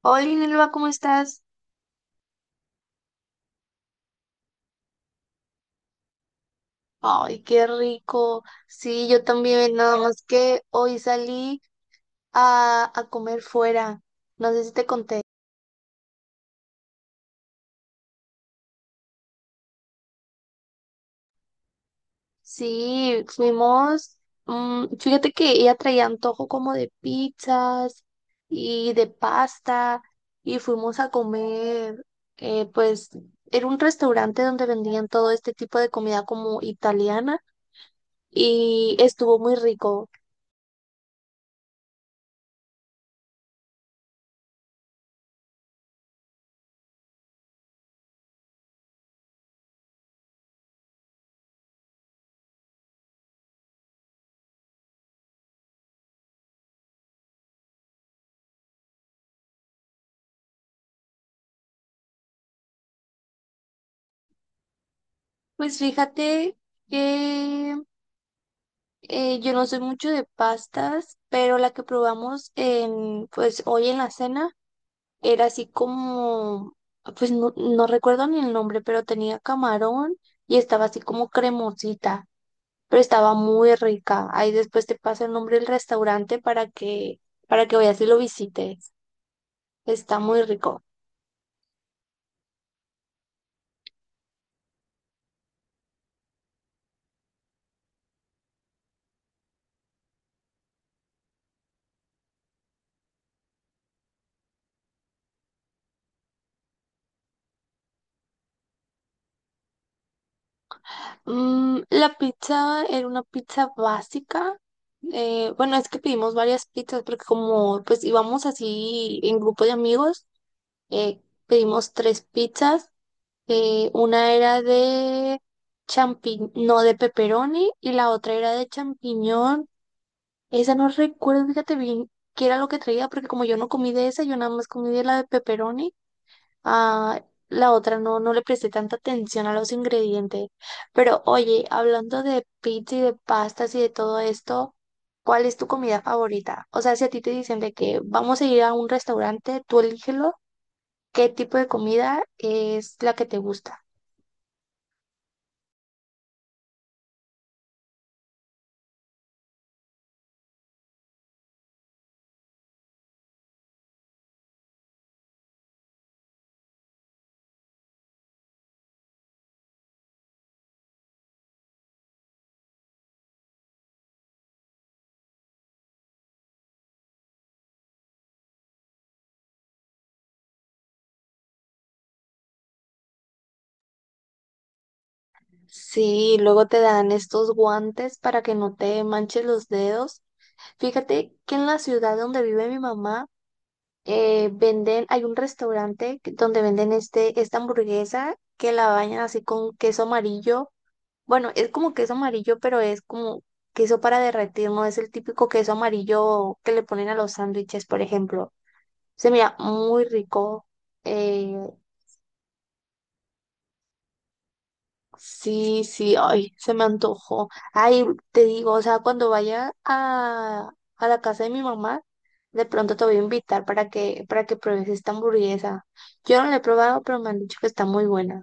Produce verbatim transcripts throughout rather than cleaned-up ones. Hola, Inelva, ¿cómo estás? Ay, qué rico. Sí, yo también, nada más que hoy salí a, a comer fuera. No sé si te conté. Sí, fuimos. Mm, fíjate que ella traía antojo como de pizzas y de pasta y fuimos a comer, eh, pues era un restaurante donde vendían todo este tipo de comida como italiana y estuvo muy rico. Pues fíjate que... Eh, Yo no soy mucho de pastas, pero la que probamos en, pues hoy en la cena era así como, pues no, no recuerdo ni el nombre, pero tenía camarón y estaba así como cremosita, pero estaba muy rica. Ahí después te paso el nombre del restaurante para que, para que vayas y lo visites. Está muy rico. Mm, la pizza era una pizza básica. Eh, bueno, es que pedimos varias pizzas porque como pues íbamos así en grupo de amigos. Eh, Pedimos tres pizzas. Eh, una era de champiñón, no de pepperoni, y la otra era de champiñón. Esa no recuerdo, fíjate bien qué era lo que traía, porque como yo no comí de esa, yo nada más comí de la de pepperoni. Ah, la otra no, no le presté tanta atención a los ingredientes. Pero oye, hablando de pizza y de pastas y de todo esto. ¿Cuál es tu comida favorita? O sea, si a ti te dicen de que vamos a ir a un restaurante, tú elígelo. ¿Qué tipo de comida es la que te gusta? Sí, luego te dan estos guantes para que no te manches los dedos. Fíjate que en la ciudad donde vive mi mamá, eh, venden, hay un restaurante que- donde venden este, esta hamburguesa que la bañan así con queso amarillo. Bueno, es como queso amarillo, pero es como queso para derretir, no es el típico queso amarillo que le ponen a los sándwiches, por ejemplo. Se mira muy rico. eh, Sí, sí, ay, se me antojó. Ay, te digo, o sea, cuando vaya a, a la casa de mi mamá, de pronto te voy a invitar para que, para que pruebes esta hamburguesa. Yo no la he probado, pero me han dicho que está muy buena.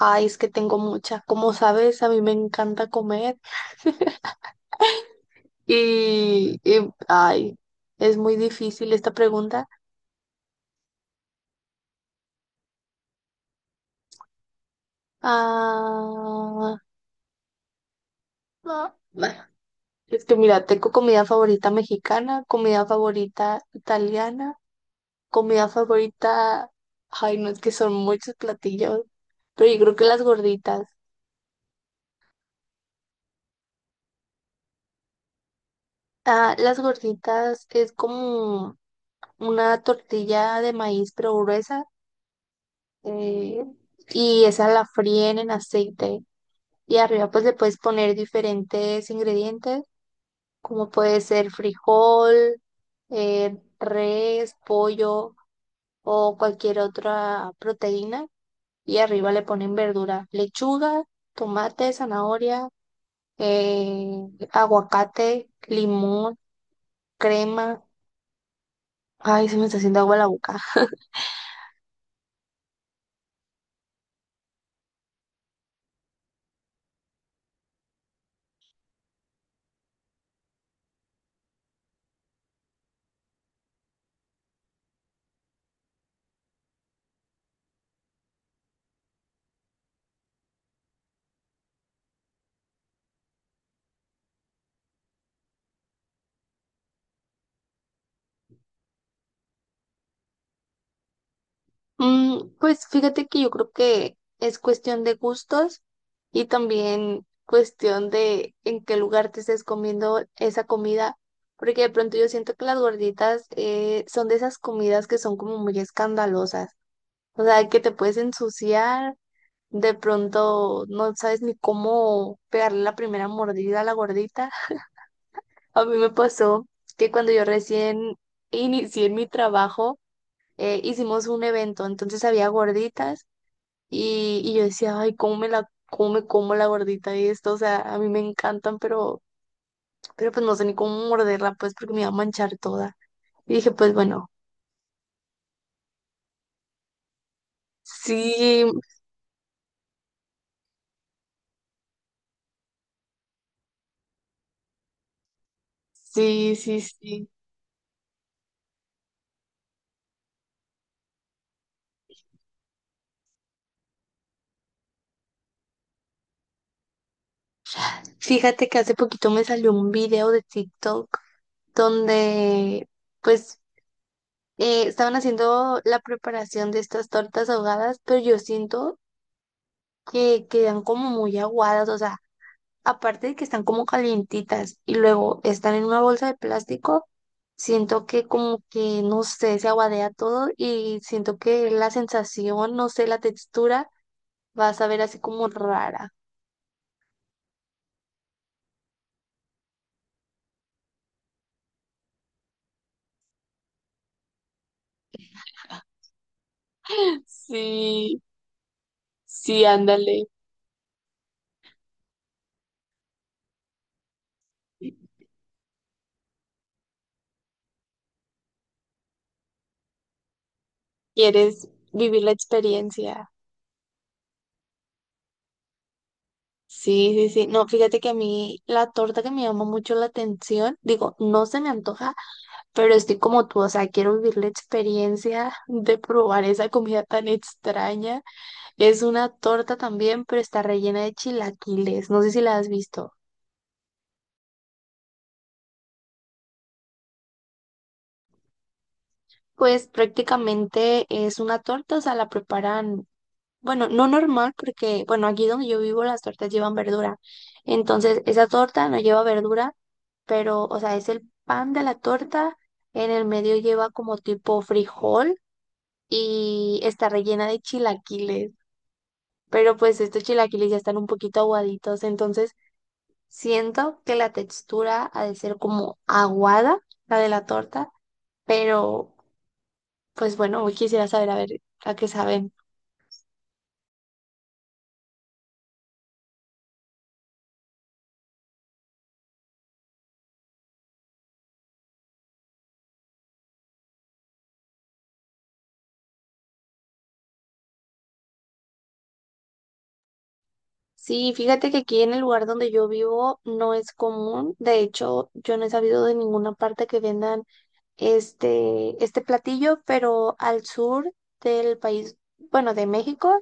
Ay, es que tengo muchas. Como sabes, a mí me encanta comer y, y ay, es muy difícil esta pregunta. Ah, ah, bueno, es que mira, tengo comida favorita mexicana, comida favorita italiana. Comida favorita, ay, no, es que son muchos platillos, pero yo creo que las gorditas. Ah, las gorditas es como una tortilla de maíz pero gruesa, eh, y esa la fríen en aceite y arriba pues le puedes poner diferentes ingredientes como puede ser frijol, eh, res, pollo o cualquier otra proteína, y arriba le ponen verdura, lechuga, tomate, zanahoria, eh, aguacate, limón, crema. Ay, se me está haciendo agua la boca. Mm, pues fíjate que yo creo que es cuestión de gustos y también cuestión de en qué lugar te estés comiendo esa comida, porque de pronto yo siento que las gorditas eh, son de esas comidas que son como muy escandalosas, o sea, que te puedes ensuciar, de pronto no sabes ni cómo pegarle la primera mordida a la gordita. A mí me pasó que cuando yo recién inicié en mi trabajo, eh, hicimos un evento, entonces había gorditas y, y yo decía, ay, ¿cómo me la, cómo me como la gordita y esto? O sea, a mí me encantan, pero, pero pues no sé ni cómo morderla, pues porque me iba a manchar toda. Y dije, pues bueno, sí, sí, sí, sí. Fíjate que hace poquito me salió un video de TikTok donde, pues eh, estaban haciendo la preparación de estas tortas ahogadas, pero yo siento que quedan como muy aguadas, o sea, aparte de que están como calientitas y luego están en una bolsa de plástico, siento que como que, no sé, se aguadea todo y siento que la sensación, no sé, la textura va a saber así como rara. Sí, sí, ándale. ¿Quieres vivir la experiencia? Sí, sí, sí. No, fíjate que a mí la torta que me llama mucho la atención, digo, no se me antoja. Pero estoy como tú, o sea, quiero vivir la experiencia de probar esa comida tan extraña. Es una torta también, pero está rellena de chilaquiles. No sé si la has visto. Pues prácticamente es una torta, o sea, la preparan, bueno, no normal, porque, bueno, aquí donde yo vivo las tortas llevan verdura. Entonces, esa torta no lleva verdura, pero, o sea, es el pan de la torta, en el medio lleva como tipo frijol y está rellena de chilaquiles, pero pues estos chilaquiles ya están un poquito aguaditos, entonces siento que la textura ha de ser como aguada, la de la torta, pero pues bueno, hoy quisiera saber a ver a qué saben. Sí, fíjate que aquí en el lugar donde yo vivo no es común, de hecho yo no he sabido de ninguna parte que vendan este, este platillo, pero al sur del país, bueno, de México.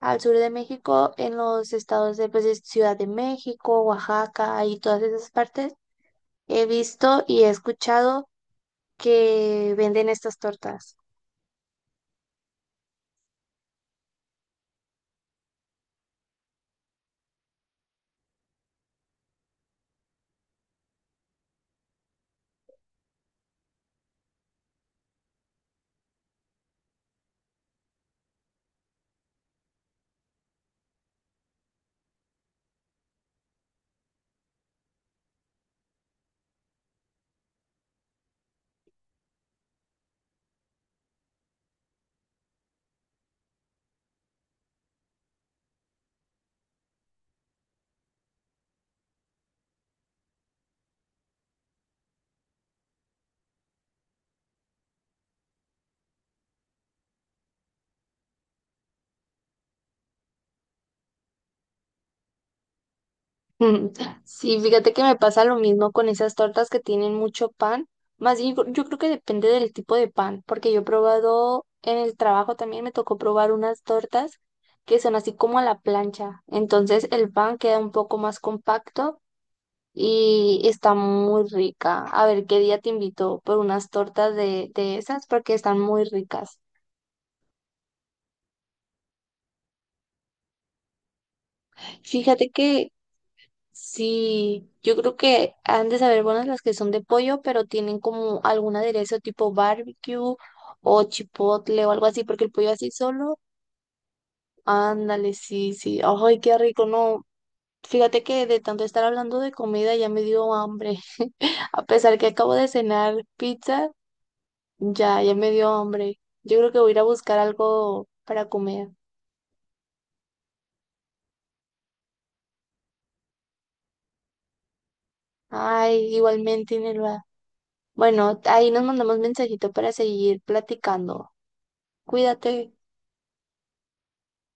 Al sur de México, en los estados de, pues, de Ciudad de México, Oaxaca y todas esas partes, he visto y he escuchado que venden estas tortas. Mm, sí, fíjate que me pasa lo mismo con esas tortas que tienen mucho pan. Más bien, yo creo que depende del tipo de pan, porque yo he probado en el trabajo también me tocó probar unas tortas que son así como a la plancha. Entonces el pan queda un poco más compacto y está muy rica. A ver qué día te invito por unas tortas de, de esas porque están muy ricas. Fíjate que sí, yo creo que han de saber buenas las que son de pollo, pero tienen como algún aderezo tipo barbecue o chipotle o algo así, porque el pollo así solo, ándale, sí, sí. Ay, qué rico, no. Fíjate que de tanto estar hablando de comida ya me dio hambre, a pesar que acabo de cenar pizza. Ya, ya me dio hambre. Yo creo que voy a ir a buscar algo para comer. Ay, igualmente, Inelva. Bueno, ahí nos mandamos mensajito para seguir platicando. Cuídate.